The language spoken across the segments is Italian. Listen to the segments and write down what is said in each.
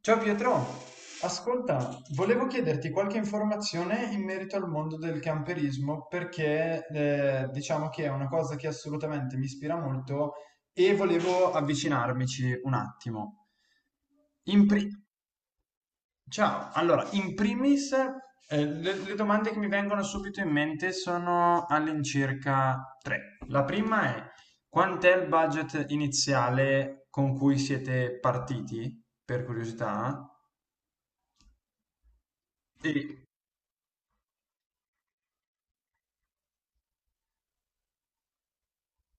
Ciao Pietro, ascolta, volevo chiederti qualche informazione in merito al mondo del camperismo perché diciamo che è una cosa che assolutamente mi ispira molto e volevo avvicinarmici un attimo. In pri- Ciao, allora, in primis, le domande che mi vengono subito in mente sono all'incirca tre. La prima è, quant'è il budget iniziale con cui siete partiti, per curiosità? Sì.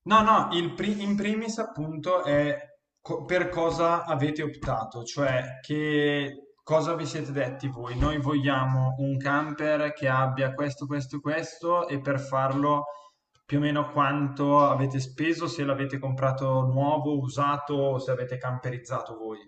No, no, in primis appunto è per cosa avete optato, cioè che cosa vi siete detti voi. Noi vogliamo un camper che abbia questo, questo, questo e per farlo più o meno quanto avete speso, se l'avete comprato nuovo, usato o se avete camperizzato voi.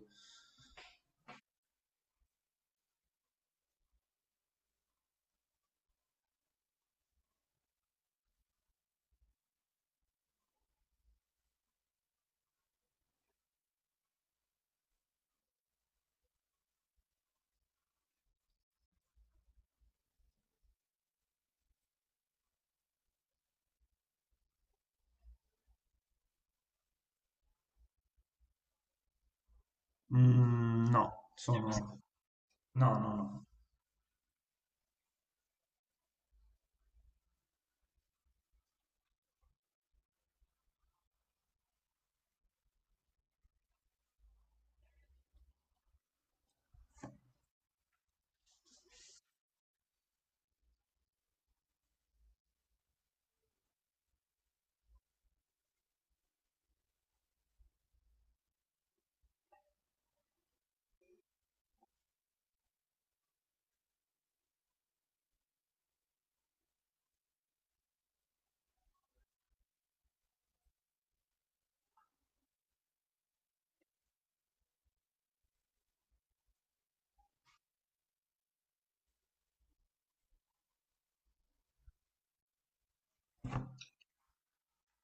Mm, no, sono... No, no, no.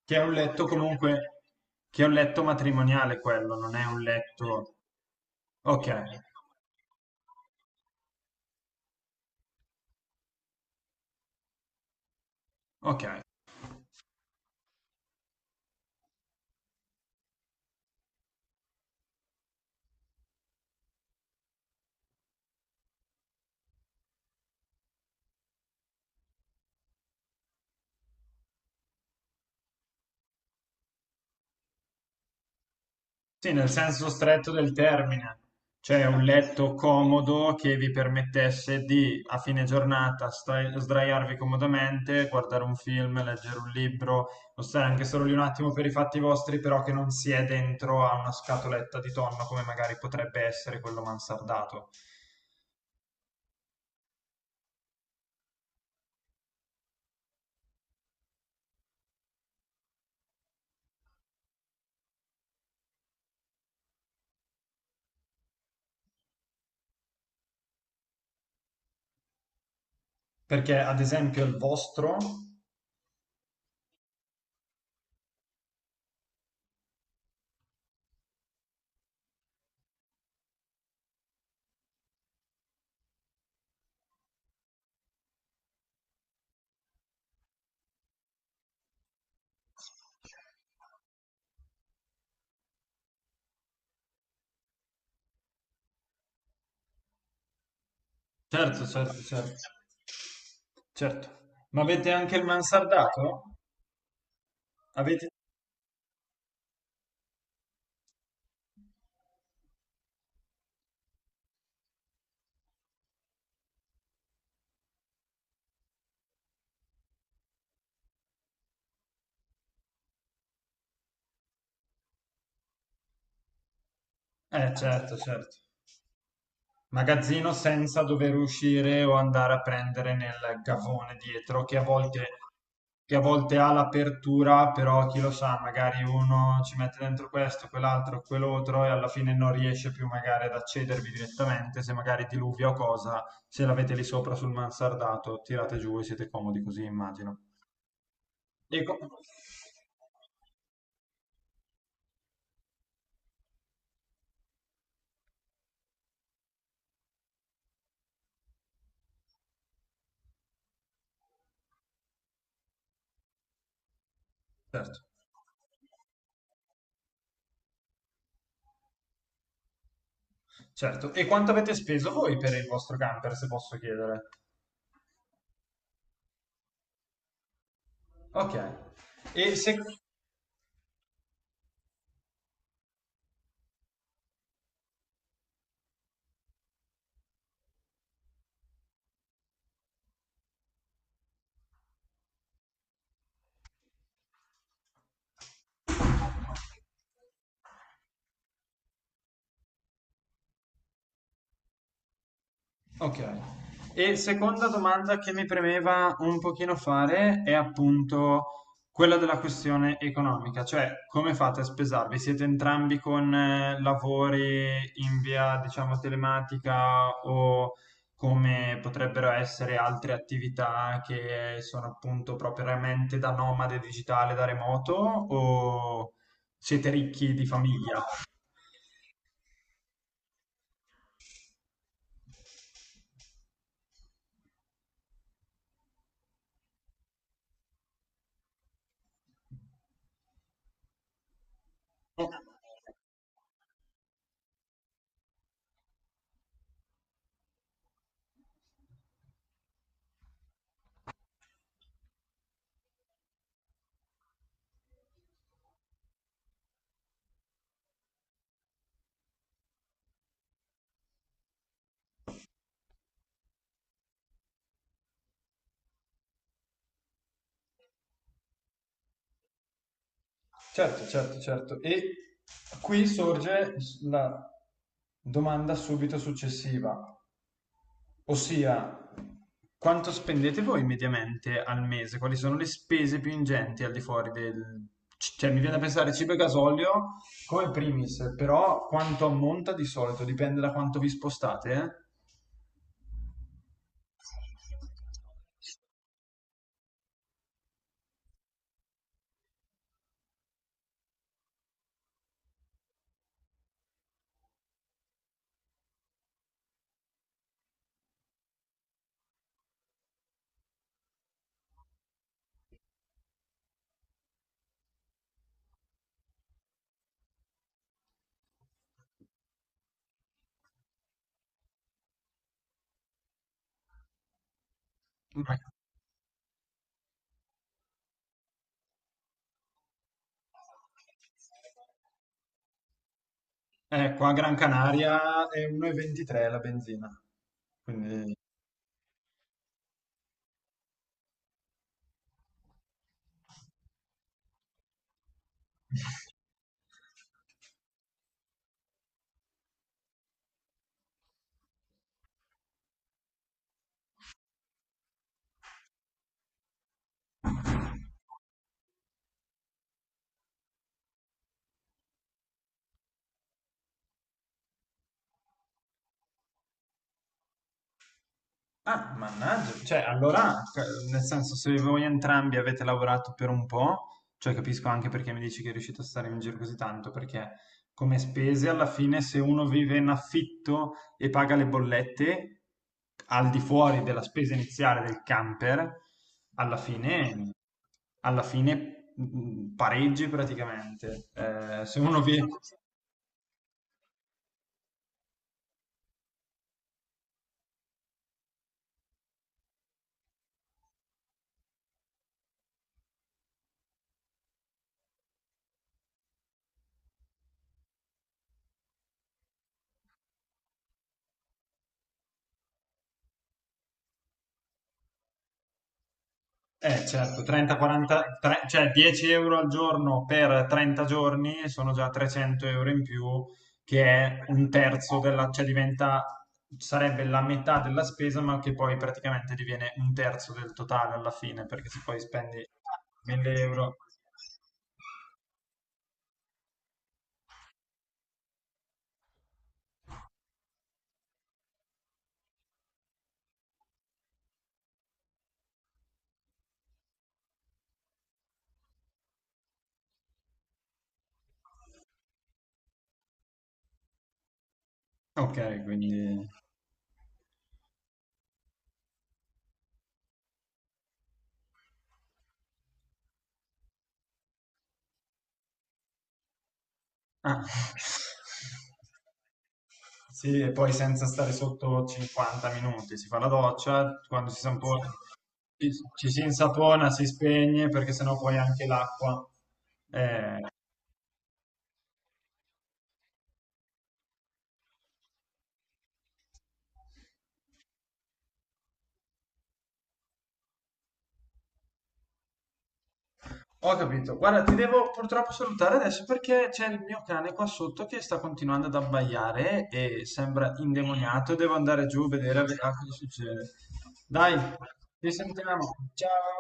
Che è un letto comunque, che è un letto matrimoniale quello, non è un letto... Ok, ok. Sì, nel senso stretto del termine, cioè un letto comodo che vi permettesse di a fine giornata sdraiarvi comodamente, guardare un film, leggere un libro, o stare anche solo lì un attimo per i fatti vostri, però che non si è dentro a una scatoletta di tonno come magari potrebbe essere quello mansardato. Perché ad esempio il vostro... Certo, certo, certo. Certo. Ma avete anche il mansardato? Avete... certo, certo. Magazzino senza dover uscire o andare a prendere nel gavone dietro, che a volte ha l'apertura, però chi lo sa, magari uno ci mette dentro questo, quell'altro, quell'altro e alla fine non riesce più magari ad accedervi direttamente, se magari diluvia o cosa, se l'avete lì sopra sul mansardato, tirate giù e siete comodi così, immagino. E co- certo, certo. E quanto avete speso voi per il vostro camper, se posso chiedere? Ok. E se... Ok. E seconda domanda che mi premeva un pochino fare è appunto quella della questione economica, cioè come fate a spesarvi? Siete entrambi con lavori in via, diciamo, telematica o come potrebbero essere altre attività che sono appunto propriamente da nomade digitale, da remoto o siete ricchi di famiglia? Certo, certo, certo. E qui sorge la domanda subito successiva, ossia quanto spendete voi mediamente al mese? Quali sono le spese più ingenti al di fuori del... Cioè, mi viene da pensare cibo e gasolio come primis, però quanto ammonta di solito? Dipende da quanto vi spostate, eh? Ma- Ecco, a Gran Canaria è 1,23 la benzina, quindi ah, mannaggia, cioè allora, cioè, nel senso, se voi entrambi avete lavorato per un po', cioè capisco anche perché mi dici che è riuscito a stare in giro così tanto, perché come spese alla fine se uno vive in affitto e paga le bollette al di fuori della spesa iniziale del camper, alla fine, alla fine pareggi praticamente. Se uno viene, eh, certo, 30-40, cioè 10 € al giorno per 30 giorni sono già 300 € in più, che è un terzo della, cioè diventa, sarebbe la metà della spesa, ma che poi praticamente diviene un terzo del totale alla fine, perché se poi spendi 1000 euro... Ok, quindi... Ah. Sì, e poi senza stare sotto 50 minuti si fa la doccia, quando si sa un po'... Ci, ci si insapona, si spegne perché sennò poi anche l'acqua. Eh, ho capito. Guarda, ti devo purtroppo salutare adesso perché c'è il mio cane qua sotto che sta continuando ad abbaiare e sembra indemoniato. Devo andare giù a vedere a cosa succede. Dai, ci sentiamo. Ciao.